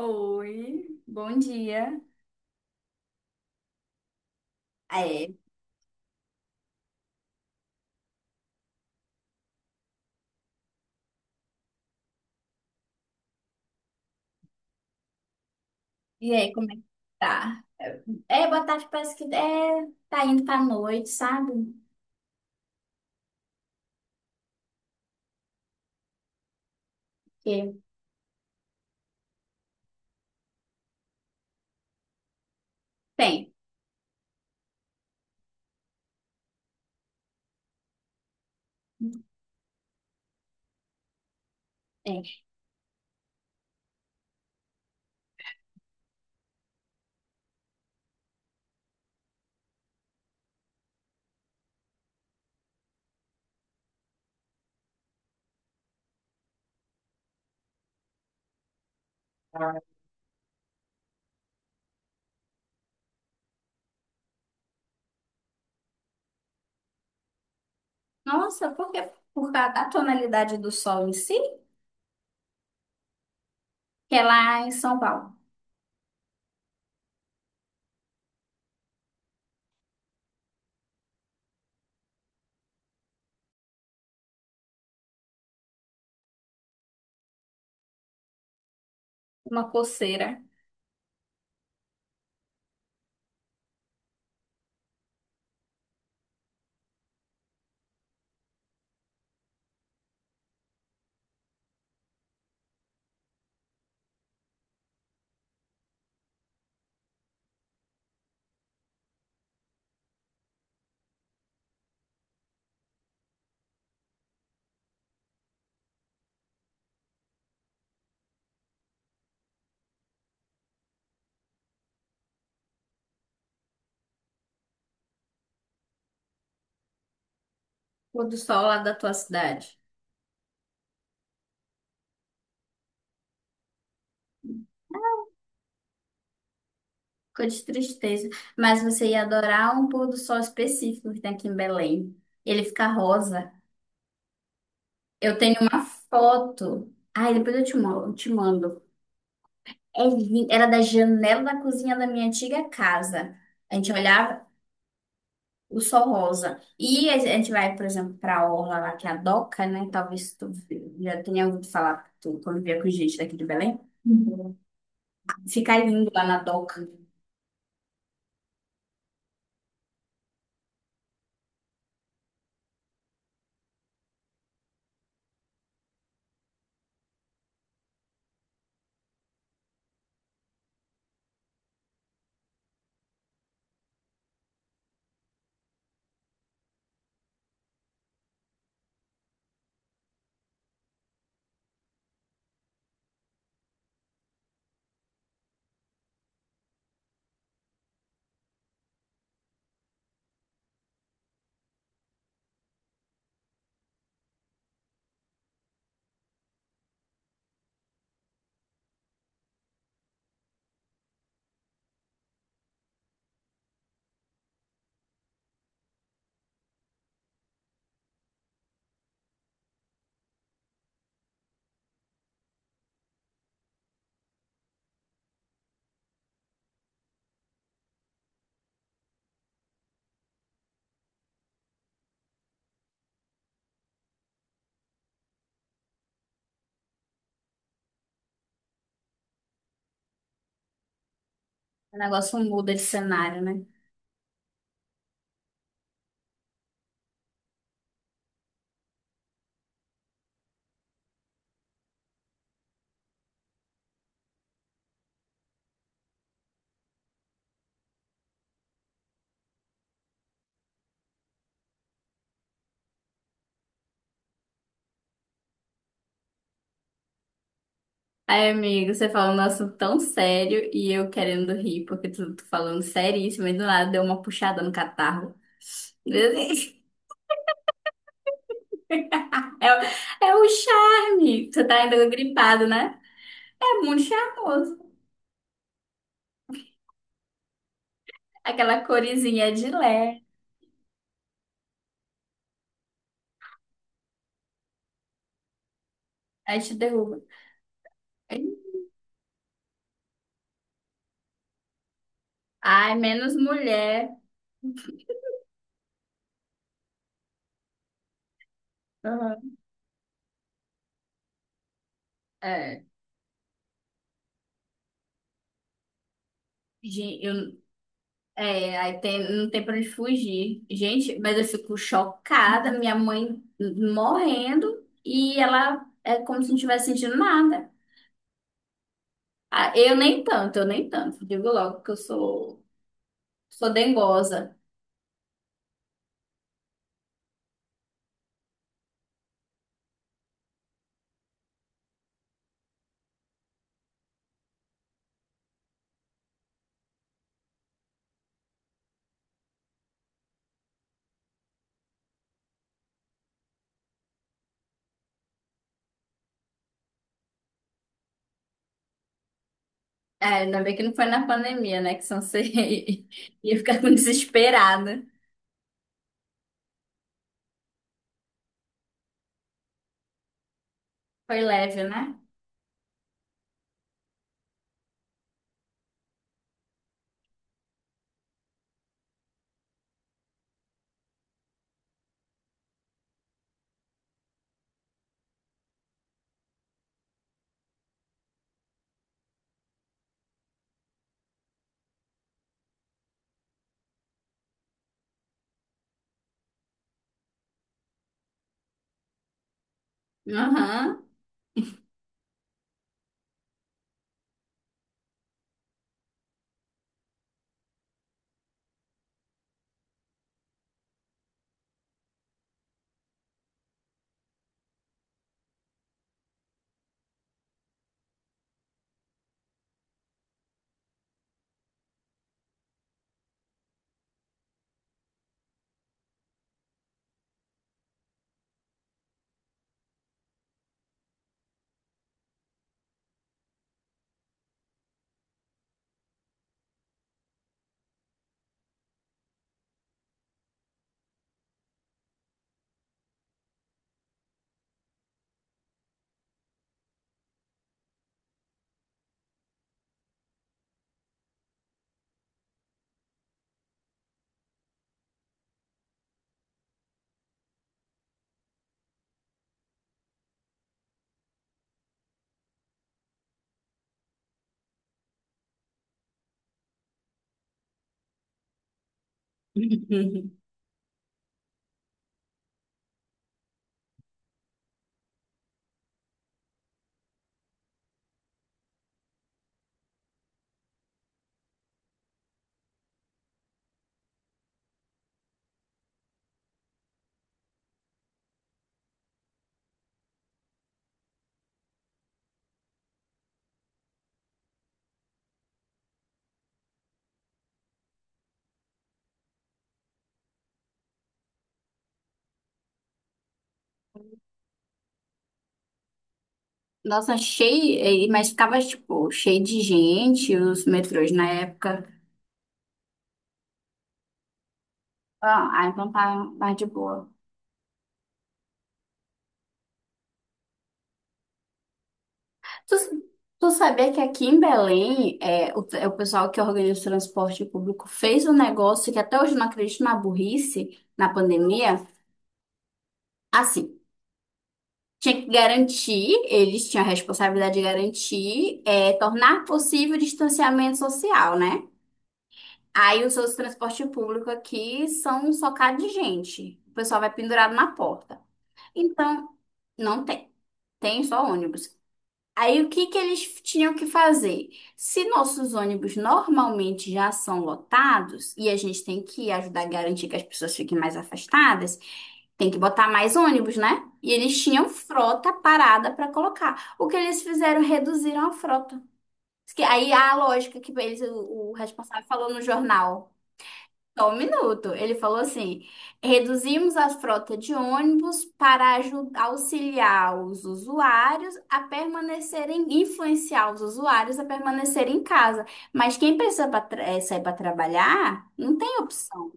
Oi, bom dia. Ah, é. E aí, como é que tá? Boa tarde, parece que é, tá indo pra noite, sabe? Que tem. É. Nossa, por quê? Por causa da tonalidade do sol em si, que é lá em São Paulo. Uma coceira. Pôr do sol lá da tua cidade. Ficou de tristeza. Mas você ia adorar um pôr do sol específico que tem aqui em Belém. Ele fica rosa. Eu tenho uma foto. Ai, depois eu te mando, te mando. Era da janela da cozinha da minha antiga casa. A gente olhava o sol rosa. E a gente vai, por exemplo, para a orla lá, que é a Doca, né? Talvez tu já tenha ouvido falar, tu convivia com gente daqui de Belém. Uhum. Fica lindo lá na Doca. O negócio muda de cenário, né? Ai, amigo, você falou um assunto tão sério e eu querendo rir, porque tu falando seríssimo e do nada deu uma puxada no catarro. É, o- é o charme. Você tá ainda gripado, né? É muito charmoso. Aquela corizinha de lé. Aí te derruba. Ai, menos mulher. Aham. É, gen- eu, aí tem, não tem pra onde fugir. Gente, mas eu fico chocada. Minha mãe morrendo e ela é como se não tivesse sentindo nada. Ah, eu nem tanto. Digo logo que sou dengosa. É, ainda bem que não foi na pandemia, né? Que senão você ia ficar com desesperada. Foi leve, né? Aham. Uhum. Nossa, cheio, mas ficava, tipo, cheio de gente, os metrôs na época. Ah, então tá mais de boa. Tu, tu sabia que aqui em Belém, é, o, é o pessoal que organiza o transporte público fez um negócio que até hoje eu não acredito na burrice, na pandemia. Assim, tinha que garantir, eles tinham a responsabilidade de garantir, é, tornar possível o distanciamento social, né? Aí os seus transporte público aqui são socados de gente. O pessoal vai pendurado na porta. Então, não tem. Tem só ônibus. Aí o que que eles tinham que fazer? Se nossos ônibus normalmente já são lotados e a gente tem que ajudar a garantir que as pessoas fiquem mais afastadas, tem que botar mais ônibus, né? E eles tinham frota parada para colocar. O que eles fizeram? Reduziram a frota. Diz que aí a lógica que eles, o responsável falou no jornal. Só um minuto. Ele falou assim: reduzimos a frota de ônibus para auxiliar os usuários a permanecerem, influenciar os usuários a permanecerem em casa. Mas quem precisa sair para trabalhar, não tem opção.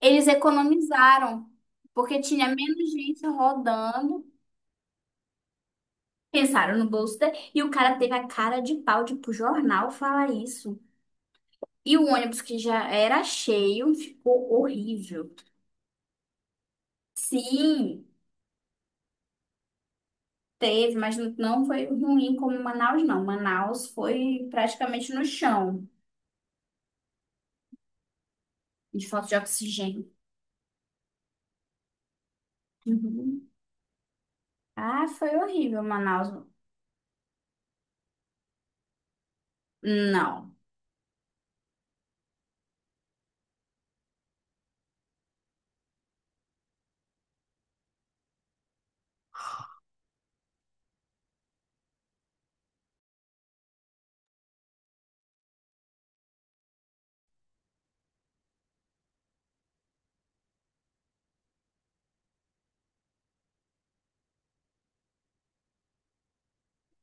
Eles economizaram, porque tinha menos gente rodando. Pensaram no bolso dele, e o cara teve a cara de pau de ir pro jornal falar isso. E o ônibus que já era cheio ficou horrível. Sim. Teve, mas não foi ruim como Manaus, não. Manaus foi praticamente no chão, de falta de oxigênio. Uhum. Ah, foi horrível, Manaus. Não.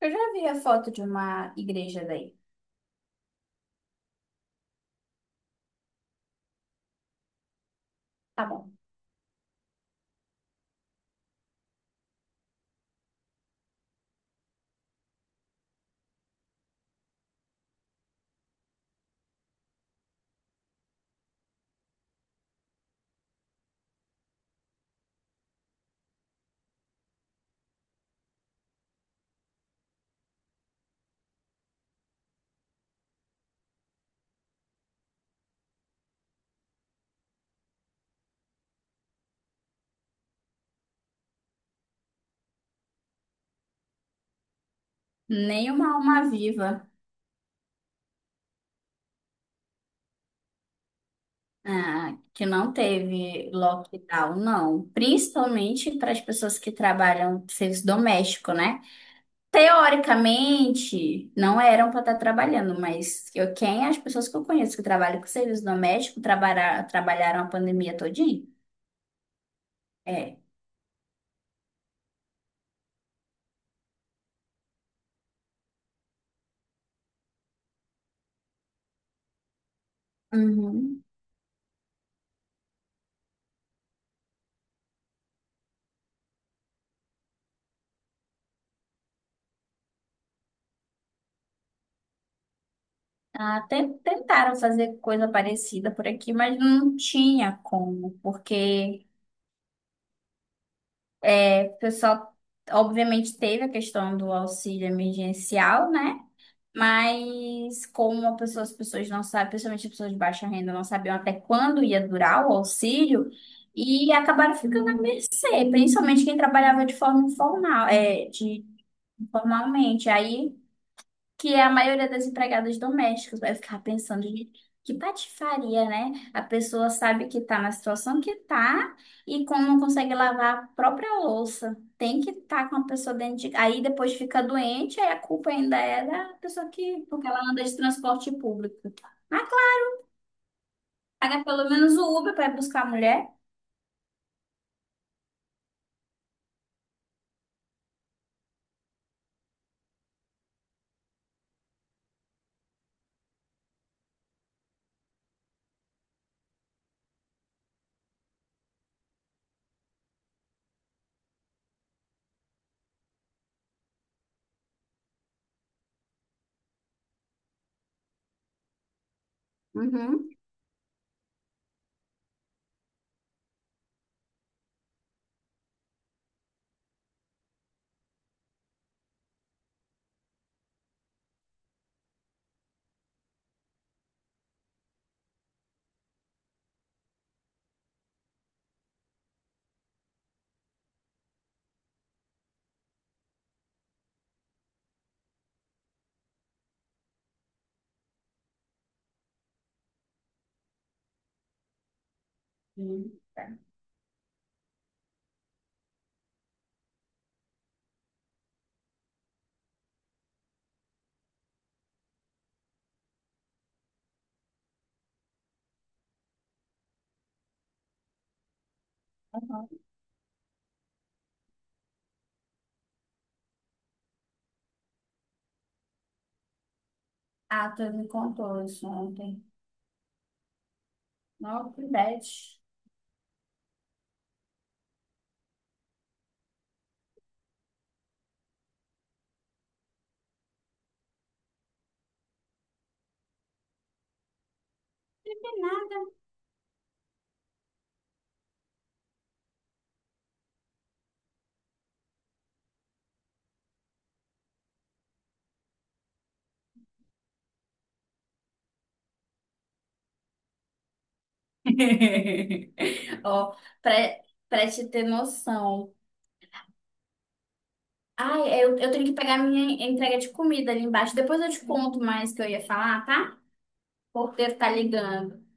Eu já vi a foto de uma igreja daí. Tá bom. Nenhuma alma viva, ah, que não teve lockdown, não. Principalmente para as pessoas que trabalham serviço doméstico, né? Teoricamente, não eram para estar trabalhando, mas quem as pessoas que eu conheço que trabalham com serviço doméstico trabalha, trabalharam a pandemia todinha? É. Uhum. Até tentaram fazer coisa parecida por aqui, mas não tinha como, porque é, o pessoal obviamente teve a questão do auxílio emergencial, né? Mas como as pessoas não sabem, principalmente as pessoas de baixa renda, não sabiam até quando ia durar o auxílio e acabaram ficando à mercê, principalmente quem trabalhava de forma informal, informalmente. Aí que é a maioria das empregadas domésticas. Vai ficar pensando, gente, que patifaria, né? A pessoa sabe que tá na situação que tá e como não consegue lavar a própria louça. Tem que estar com a pessoa dentro de… Aí depois fica doente, aí a culpa ainda é da pessoa que… Porque ela anda de transporte público. Ah, claro, paga pelo menos o Uber para buscar a mulher. Uhum. Sim. Uhum. Ah, tu me contou isso ontem. Não, que bad. Não tem nada. Ó, pra, pra te ter noção. Ai, é, eu tenho que pegar minha entrega de comida ali embaixo. Depois eu te conto mais o que eu ia falar, tá? O porteiro tá ligando.